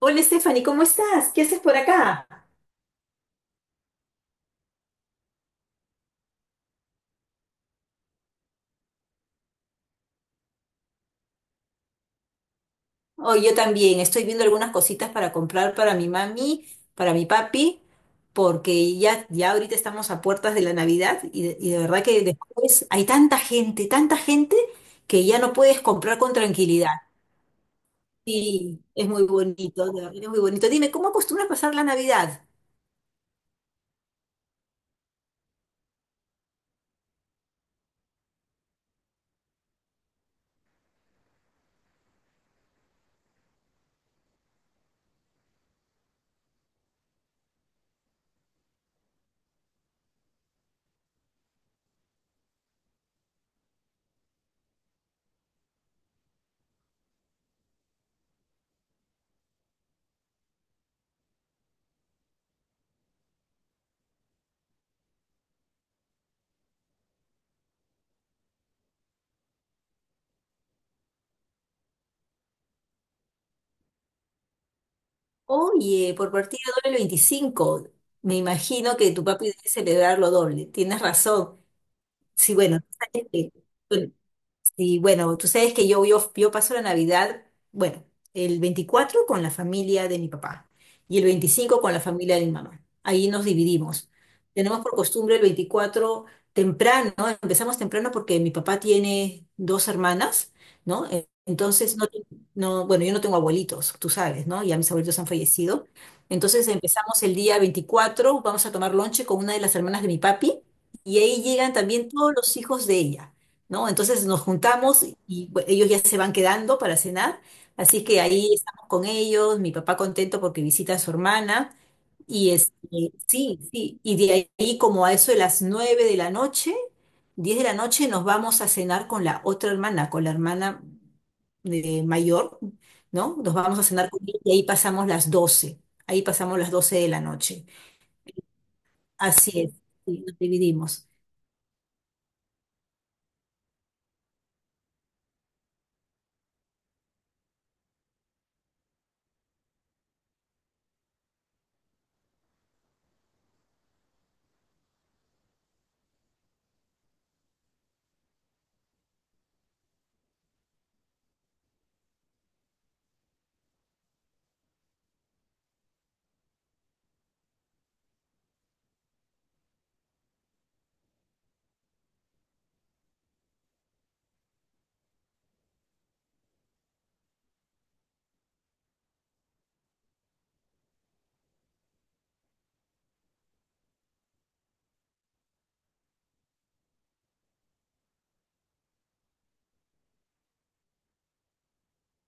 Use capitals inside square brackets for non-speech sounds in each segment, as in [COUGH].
Hola Stephanie, ¿cómo estás? ¿Qué haces por acá? Oh, yo también, estoy viendo algunas cositas para comprar para mi mami, para mi papi, porque ya ahorita estamos a puertas de la Navidad y de verdad que después hay tanta gente que ya no puedes comprar con tranquilidad. Sí, es muy bonito, de verdad, es muy bonito. Dime, ¿cómo acostumbras pasar la Navidad? Oye, por partida doble el 25. Me imagino que tu papi debe celebrarlo doble. Tienes razón. Sí, bueno, bueno, y bueno, tú sabes que yo paso la Navidad, bueno, el 24 con la familia de mi papá y el 25 con la familia de mi mamá. Ahí nos dividimos. Tenemos por costumbre el 24 temprano, ¿no? Empezamos temprano porque mi papá tiene dos hermanas, ¿no? Entonces, bueno, yo no tengo abuelitos, tú sabes, ¿no? Ya mis abuelitos han fallecido. Entonces empezamos el día veinticuatro, vamos a tomar lonche con una de las hermanas de mi papi y ahí llegan también todos los hijos de ella. ¿No? Entonces nos juntamos y ellos ya se van quedando para cenar, así que ahí estamos con ellos, mi papá contento porque visita a su hermana, y sí, sí, y de ahí como a eso de las nueve de la noche, 10 de la noche nos vamos a cenar con la otra hermana, con la hermana mayor, ¿no? Nos vamos a cenar con ella y ahí pasamos las 12 de la noche. Así es, sí, nos dividimos.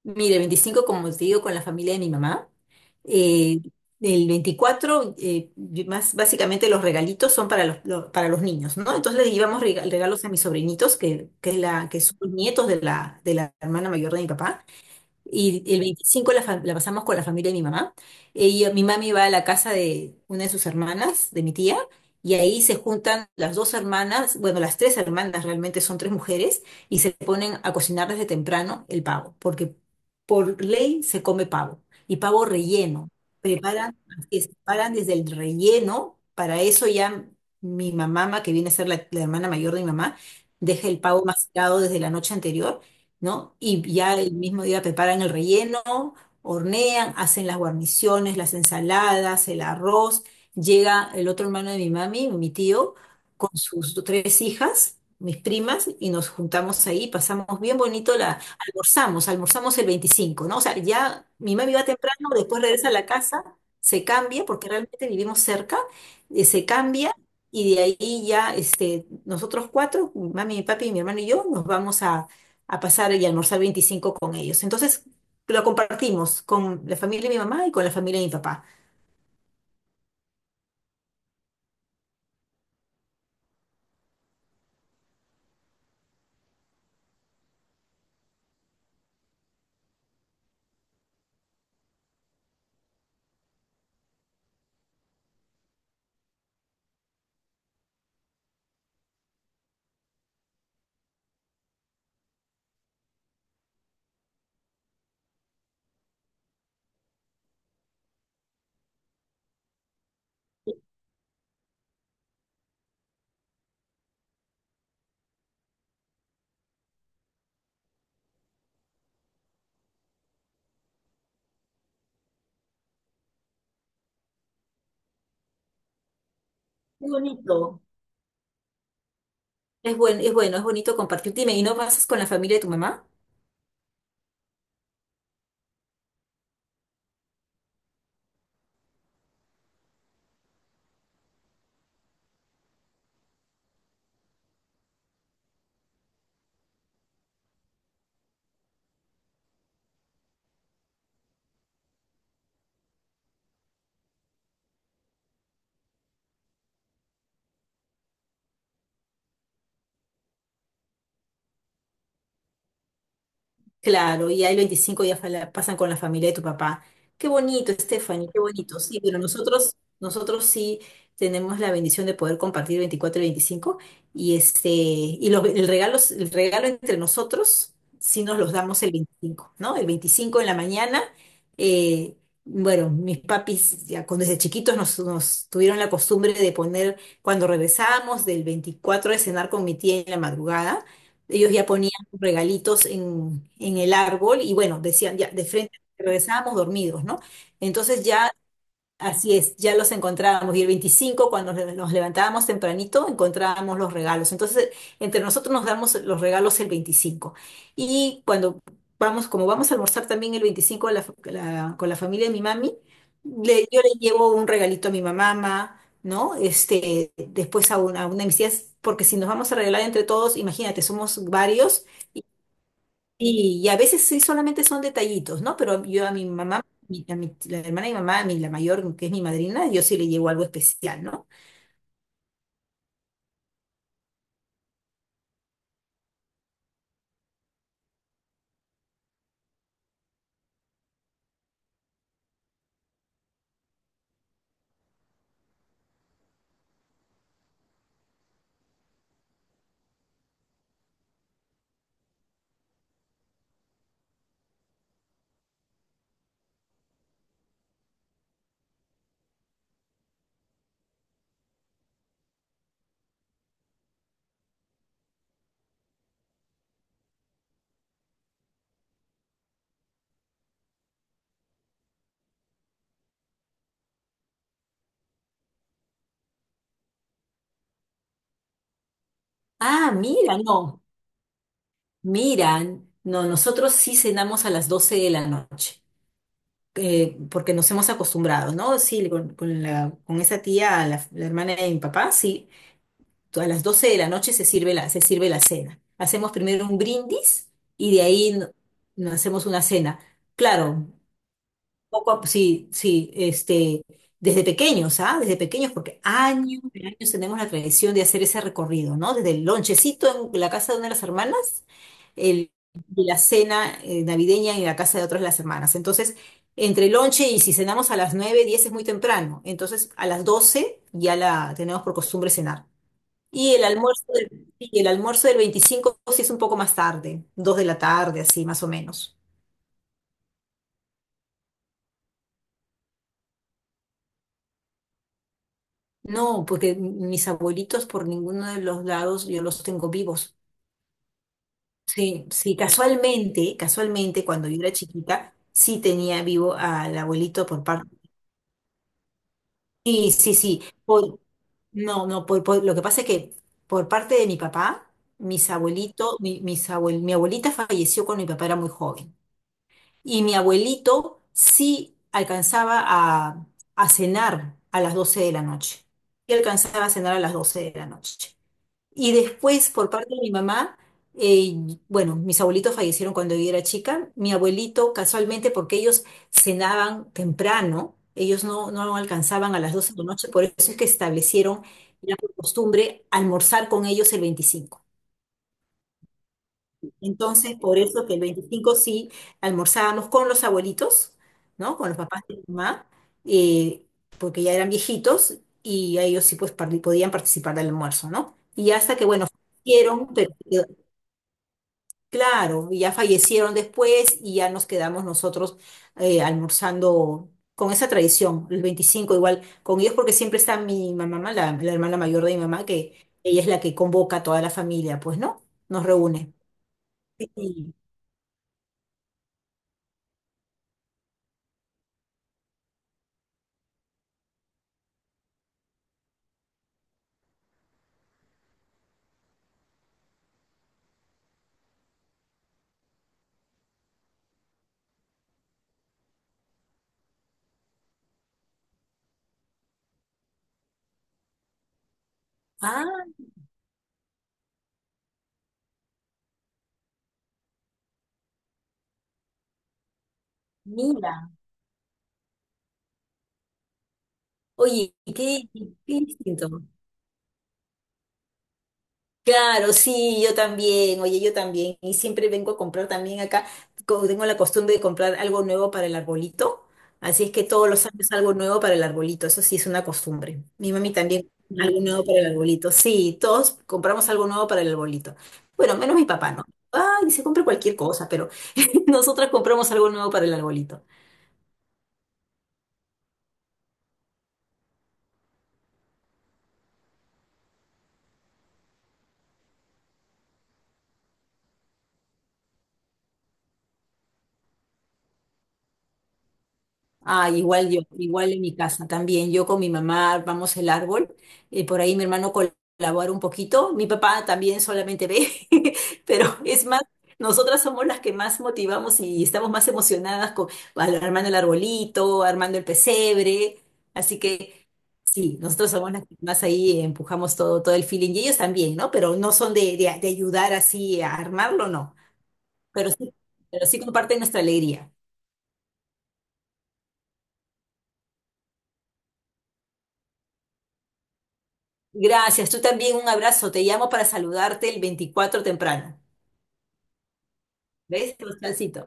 Mire, 25 como te digo, con la familia de mi mamá. Eh, el 24 más básicamente los regalitos son para para los niños, ¿no? Entonces les llevamos regalos a mis sobrinitos, es que son los nietos de de la hermana mayor de mi papá. Y el 25 la, fa- la pasamos con la familia de mi mamá. Ella, mi mami va a la casa de una de sus hermanas, de mi tía, y ahí se juntan las dos hermanas, bueno, las tres hermanas, realmente son tres mujeres, y se ponen a cocinar desde temprano el pavo, porque por ley se come pavo, y pavo relleno. Preparan, así es, preparan desde el relleno, para eso ya mi mamá, que viene a ser la hermana mayor de mi mamá, deja el pavo macerado desde la noche anterior, ¿no? Y ya el mismo día preparan el relleno, hornean, hacen las guarniciones, las ensaladas, el arroz. Llega el otro hermano de mi mami, mi tío, con sus tres hijas, mis primas, y nos juntamos ahí, pasamos bien bonito, almorzamos, almorzamos el veinticinco, ¿no? O sea, ya mi mami va temprano, después regresa a la casa, se cambia, porque realmente vivimos cerca, se cambia. Y de ahí ya nosotros cuatro, mi mami, mi papi, mi hermano y yo, nos vamos a pasar y almorzar 25 con ellos. Entonces lo compartimos con la familia de mi mamá y con la familia de mi papá. Es bonito, es bueno, es bonito compartir. Dime, ¿y no pasas con la familia de tu mamá? Claro, y ahí los 25 días pasan con la familia de tu papá. Qué bonito, Stephanie, qué bonito. Sí, pero nosotros sí tenemos la bendición de poder compartir 24 y 25, y el regalo entre nosotros sí nos los damos el 25, ¿no? El 25 en la mañana. eh, bueno, Mis papis ya desde chiquitos nos tuvieron la costumbre de poner, cuando regresábamos del 24 de cenar con mi tía en la madrugada, ellos ya ponían regalitos en el árbol, y bueno, decían ya, de frente regresábamos dormidos, ¿no? Entonces ya, así es, ya los encontrábamos y el 25 cuando nos levantábamos tempranito encontrábamos los regalos. Entonces entre nosotros nos damos los regalos el 25 y cuando vamos, como vamos a almorzar también el 25 con la familia de mi mami, yo le llevo un regalito a mi mamá. ¿No? Este, después a una de mis tías, porque si nos vamos a regalar entre todos, imagínate, somos varios, y a veces sí solamente son detallitos, ¿no? Pero yo a mi mamá, a mi, la hermana de mi mamá, la mayor, que es mi madrina, yo sí le llevo algo especial, ¿no? Ah, mira, no, miran, no, nosotros sí cenamos a las 12 de la noche, porque nos hemos acostumbrado, ¿no? Sí, con con esa tía, la hermana de mi papá, sí, a las 12 de la noche se sirve la cena. Hacemos primero un brindis y de ahí no hacemos una cena. Claro. Sí, sí, desde pequeños, ¿ah? Desde pequeños, porque años y años tenemos la tradición de hacer ese recorrido, ¿no? Desde el lonchecito en la casa de una de las hermanas, el, y la cena navideña en la casa de otras de las hermanas. Entonces, entre el lonche, y si cenamos a las 9 10 es muy temprano. Entonces, a las 12 ya la tenemos por costumbre cenar. Y el almuerzo del 25 sí es un poco más tarde, 2 de la tarde, así más o menos. No, porque mis abuelitos por ninguno de los lados yo los tengo vivos. Sí, sí, casualmente, casualmente cuando yo era chiquita, sí tenía vivo al abuelito por parte. Sí, sí, sí. No, no, lo que pasa es que por parte de mi papá, mis abuelitos, mi, mis abuel- mi abuelita falleció cuando mi papá era muy joven. Y mi abuelito sí a cenar a las 12 de la noche. Y alcanzaba a cenar a las 12 de la noche. Y después, por parte de mi mamá, eh, bueno, mis abuelitos fallecieron cuando yo era chica. Mi abuelito, casualmente, porque ellos cenaban temprano, ellos no alcanzaban a las 12 de la noche, por eso es que establecieron la costumbre almorzar con ellos el veinticinco. Entonces, por eso que el 25 sí almorzábamos con los abuelitos, ¿no? Con los papás de mi mamá, eh, porque ya eran viejitos y ellos sí pues podían participar del almuerzo, ¿no? Y hasta que, bueno, hicieron, pero claro, y ya fallecieron después y ya nos quedamos nosotros almorzando con esa tradición, el 25 igual con ellos, porque siempre está mi mamá, la hermana mayor de mi mamá, que ella es la que convoca a toda la familia, pues, ¿no? Nos reúne. Sí. Ah, mira. Oye, qué, qué distinto. Claro, sí, yo también, oye, yo también. Y siempre vengo a comprar también acá, tengo la costumbre de comprar algo nuevo para el arbolito, así es que todos los años algo nuevo para el arbolito, eso sí es una costumbre. Mi mami también, algo nuevo para el arbolito, sí, todos compramos algo nuevo para el arbolito. Bueno, menos mi papá, ¿no? Ay, se compra cualquier cosa, pero [LAUGHS] nosotras compramos algo nuevo para el arbolito. Ah, igual yo, igual en mi casa también. Yo con mi mamá armamos el árbol, por ahí mi hermano colabora un poquito, mi papá también solamente ve, [LAUGHS] pero es más, nosotras somos las que más motivamos y estamos más emocionadas con armando el arbolito, armando el pesebre, así que sí, nosotros somos las que más ahí empujamos todo, todo el feeling y ellos también, ¿no? Pero no son de, de ayudar así a armarlo, no, pero sí, pero sí comparten nuestra alegría. Gracias, tú también, un abrazo. Te llamo para saludarte el 24 temprano. ¿Ves, Bastancito?